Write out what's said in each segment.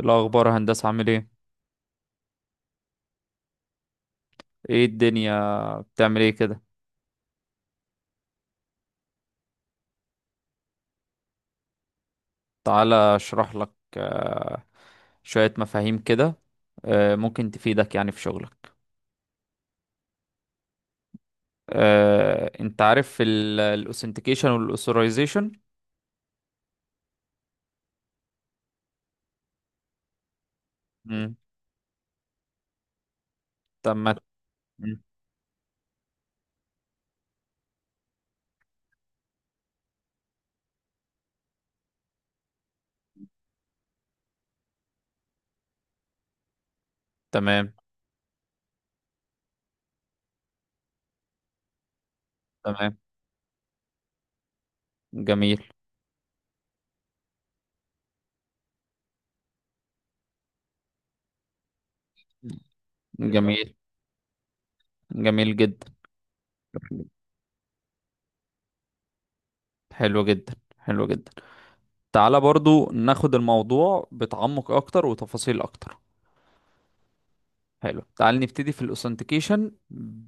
إيه الأخبار هندسة عامل ايه؟ ايه الدنيا بتعمل ايه كده؟ تعالى اشرح لك آه، شوية مفاهيم كده، ممكن تفيدك يعني في شغلك. انت عارف الاوثنتيكيشن والاوثورايزيشن. تمام. تمام. تمام. جميل. جميل. جميل جدا. حلو جدا، حلو جدا. تعالى برضو ناخد الموضوع بتعمق اكتر وتفاصيل اكتر. حلو، تعال نبتدي في الاوثنتيكيشن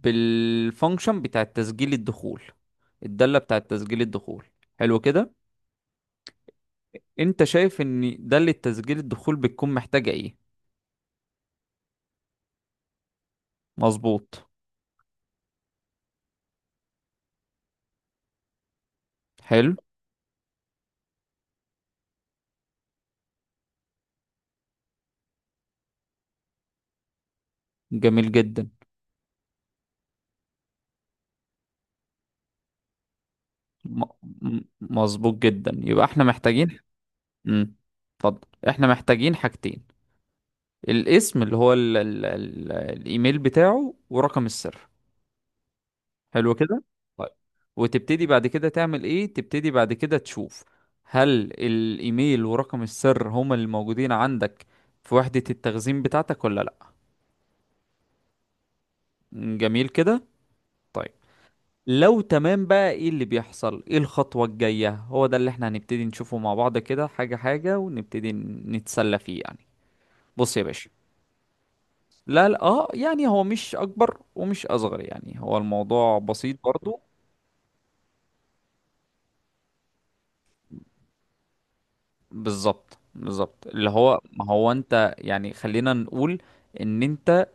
بالفانكشن بتاع تسجيل الدخول، الدالة بتاع تسجيل الدخول. حلو كده. انت شايف ان دالة تسجيل الدخول بتكون محتاجة ايه؟ مظبوط. حلو. جميل جدا. م- مظبوط جدا. يبقى احنا محتاجين، امم اتفضل، احنا محتاجين حاجتين: الاسم اللي هو ال الايميل بتاعه ورقم السر. حلو كده. طيب، وتبتدي بعد كده تعمل ايه؟ تبتدي بعد كده تشوف هل الايميل ورقم السر هما اللي موجودين عندك في وحدة التخزين بتاعتك ولا لا. جميل كده. طيب، لو تمام بقى ايه اللي بيحصل؟ ايه الخطوة الجاية؟ هو ده اللي احنا هنبتدي نشوفه مع بعض كده حاجة حاجة ونبتدي نتسلى فيه يعني. بص يا باشا، لا لا، اه يعني هو مش اكبر ومش اصغر، يعني هو الموضوع بسيط برضو. بالظبط، بالظبط. اللي هو ما هو انت، يعني خلينا نقول ان انت،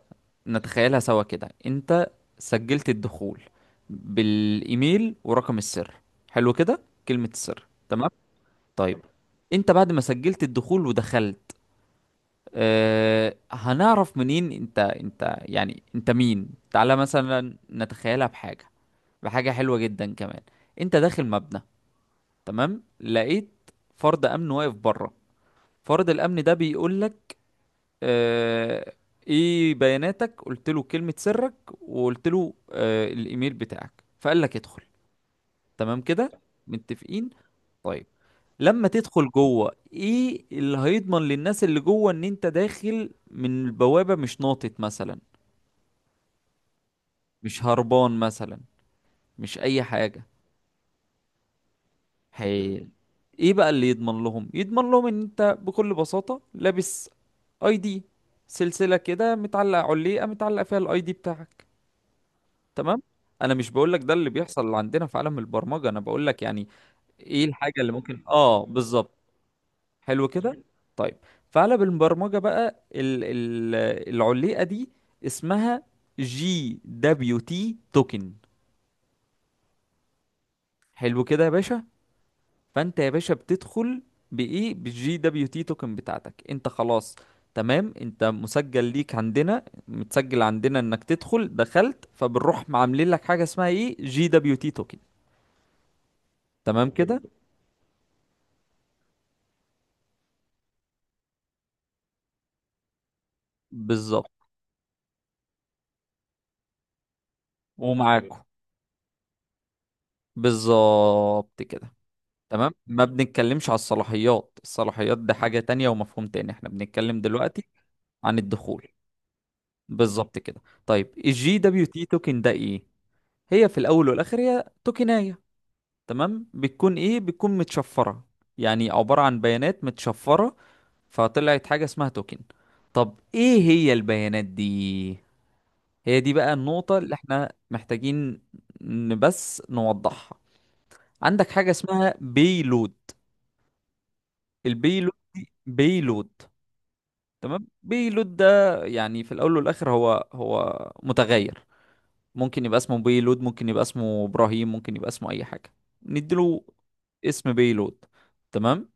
نتخيلها سوا كده، انت سجلت الدخول بالايميل ورقم السر. حلو كده، كلمة السر. تمام. طيب، انت بعد ما سجلت الدخول ودخلت، اه هنعرف منين انت؟ يعني انت مين؟ تعالى مثلا نتخيلها بحاجة، بحاجة حلوة جدا كمان. انت داخل مبنى، تمام، لقيت فرد امن واقف بره. فرد الامن ده بيقول آه، ايه بياناتك؟ قلت له كلمة سرك، وقلت له الايميل بتاعك، فقال لك ادخل. تمام كده، متفقين؟ طيب، لما تدخل جوه ايه اللي هيضمن للناس اللي جوه ان انت داخل من البوابة، مش ناطط مثلا، مش هربان مثلا، مش اي حاجة؟ حي... ايه بقى اللي يضمن لهم؟ يضمن لهم ان انت بكل بساطة لابس اي دي، سلسلة كده متعلقة علية متعلقة فيها الاي دي بتاعك. تمام، انا مش بقول لك ده اللي بيحصل عندنا في عالم البرمجه، انا بقول لك يعني ايه الحاجه اللي ممكن. اه بالظبط. حلو كده. طيب، في عالم البرمجه بقى العليقه دي اسمها جي دبليو تي توكن. حلو كده يا باشا. فانت يا باشا بتدخل بايه؟ بالجي دبليو تي توكن بتاعتك. انت خلاص تمام، انت مسجل ليك عندنا، متسجل عندنا انك تدخل، دخلت، فبنروح عاملين لك حاجه اسمها ايه؟ جي دبليو تي توكن. تمام كده. بالظبط ومعاكم. بالظبط كده. تمام، ما بنتكلمش على الصلاحيات، الصلاحيات ده حاجة تانية ومفهوم تاني، احنا بنتكلم دلوقتي عن الدخول. بالظبط كده. طيب الجي دبليو تي توكن ده ايه؟ هي في الاول والاخر هي توكناية، تمام، بتكون ايه؟ بتكون متشفرة، يعني عبارة عن بيانات متشفرة، فطلعت حاجة اسمها توكن. طب ايه هي البيانات دي؟ هي دي بقى النقطة اللي احنا محتاجين بس نوضحها. عندك حاجة اسمها بيلود. البيلود دي بيلود. تمام، بيلود ده يعني في الأول والآخر هو متغير، ممكن يبقى اسمه بيلود، ممكن يبقى اسمه إبراهيم، ممكن يبقى اسمه أي حاجة نديله، اسم بيلود. تمام.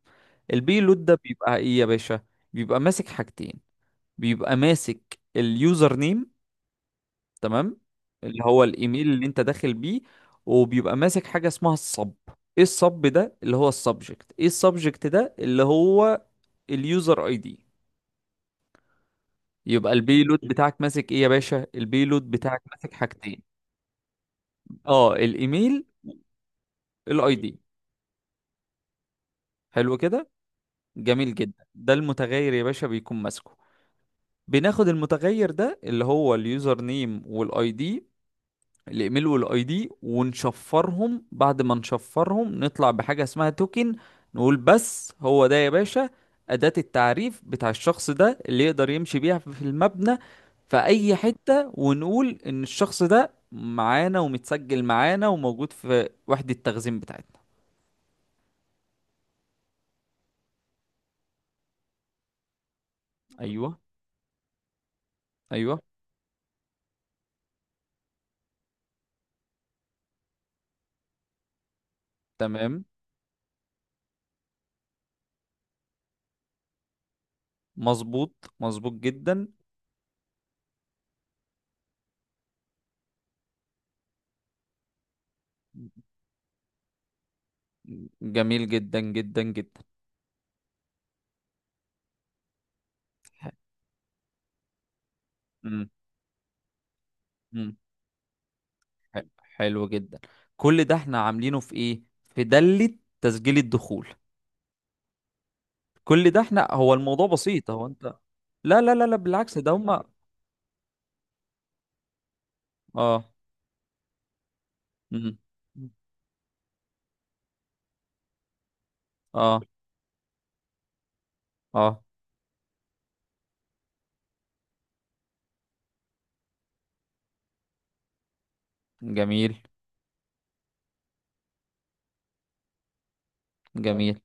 البيلود ده بيبقى إيه يا باشا؟ بيبقى ماسك حاجتين: بيبقى ماسك اليوزر نيم، تمام، اللي هو الايميل اللي انت داخل بيه، وبيبقى ماسك حاجه اسمها الصب. ايه الصب ده؟ اللي هو السبجكت. ايه السبجكت ده؟ اللي هو اليوزر اي دي. يبقى البيلود بتاعك ماسك ايه يا باشا؟ البيلود بتاعك ماسك حاجتين: اه الايميل، الاي دي. حلو كده. جميل جدا. ده المتغير يا باشا بيكون ماسكه. بناخد المتغير ده اللي هو اليوزر نيم والاي دي، الايميل والاي دي، ونشفرهم، بعد ما نشفرهم نطلع بحاجة اسمها توكن. نقول بس هو ده يا باشا أداة التعريف بتاع الشخص ده، اللي يقدر يمشي بيها في المبنى في أي حتة، ونقول إن الشخص ده معانا ومتسجل معانا وموجود في وحدة التخزين بتاعتنا. أيوه، أيوه. تمام، مظبوط، مظبوط جدا. جميل جدا جدا جدا. حلو، حلو جدا. كل ده احنا عاملينه في ايه؟ في دلة تسجيل الدخول. كل ده احنا، هو الموضوع بسيط، هو انت، لا لا لا لا بالعكس، ده هما. اه. مم. اه. اه. جميل. جميل.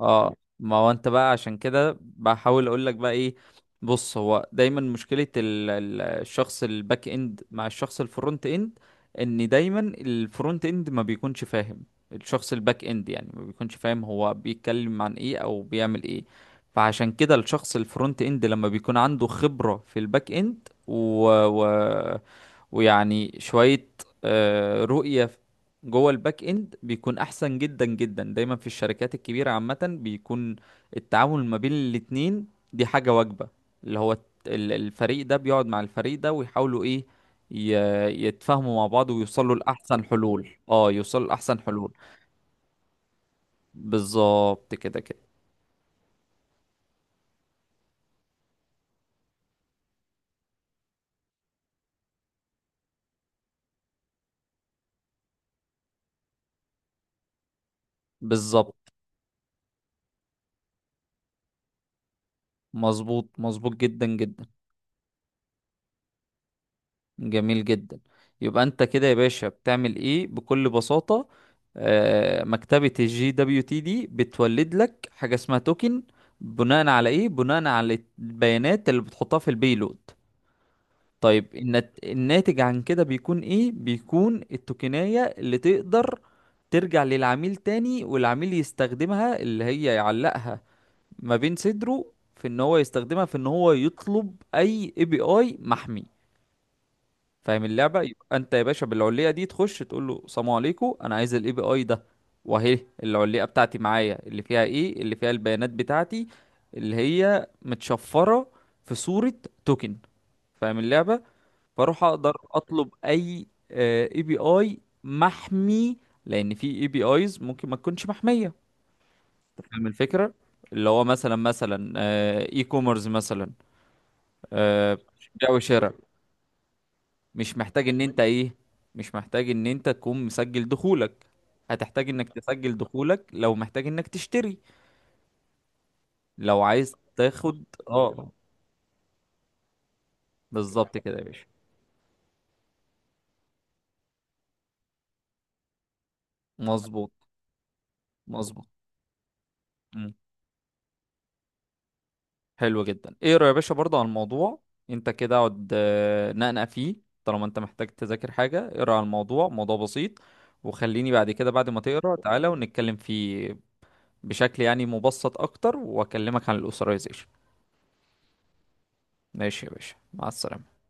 اه ما هو انت بقى عشان كده بحاول اقول لك بقى ايه. بص، هو دايما مشكلة الشخص الباك اند مع الشخص الفرونت اند، ان دايما الفرونت اند ما بيكونش فاهم الشخص الباك اند، يعني ما بيكونش فاهم هو بيتكلم عن ايه او بيعمل ايه. فعشان كده الشخص الفرونت اند لما بيكون عنده خبرة في الباك اند و... ويعني شوية رؤية جوه الباك اند، بيكون احسن جدا جدا. دايما في الشركات الكبيره عامه بيكون التعامل ما بين الاتنين دي حاجه واجبه، اللي هو الفريق ده بيقعد مع الفريق ده ويحاولوا ايه؟ ي- يتفاهموا مع بعض ويوصلوا لاحسن حلول، اه يوصلوا لاحسن حلول. بالظبط كده، كده بالظبط. مظبوط، مظبوط جدا جدا. جميل جدا. يبقى انت كده يا باشا بتعمل ايه بكل بساطة؟ مكتبة الجي دبليو تي دي بتولد لك حاجة اسمها توكن، بناء على ايه؟ بناء على البيانات اللي بتحطها في البيلود. طيب الناتج عن كده بيكون ايه؟ بيكون التوكناية اللي تقدر ترجع للعميل تاني، والعميل يستخدمها، اللي هي يعلقها ما بين صدره، في ان هو يستخدمها في ان هو يطلب اي اي بي اي محمي. فاهم اللعبه؟ يبقى انت يا باشا بالعليه دي تخش تقول له سلام عليكم انا عايز الاي بي اي ده، واهي العليه بتاعتي معايا، اللي فيها ايه؟ اللي فيها البيانات بتاعتي اللي هي متشفره في صوره توكن. فاهم اللعبه؟ فاروح اقدر اطلب اي اي بي اي محمي، لان في اي بي ايز ممكن ما تكونش محميه. أنت فاهم الفكره؟ اللي هو مثلا، مثلا اي كوميرس مثلا، آه، بيع وشراء، مش محتاج ان انت ايه، مش محتاج ان انت تكون مسجل دخولك، هتحتاج انك تسجل دخولك لو محتاج انك تشتري، لو عايز تاخد. اه بالظبط كده يا باشا. مظبوط، مظبوط. مم. حلو جدا. ايه رأيك يا باشا برضه على الموضوع؟ انت كده اقعد نقنق فيه، طالما انت محتاج تذاكر حاجة اقرا على الموضوع، موضوع بسيط، وخليني بعد كده، بعد ما تقرا، تعالى ونتكلم فيه بشكل يعني مبسط اكتر، واكلمك عن الاسرائيزيشن. ماشي يا باشا، مع السلامة.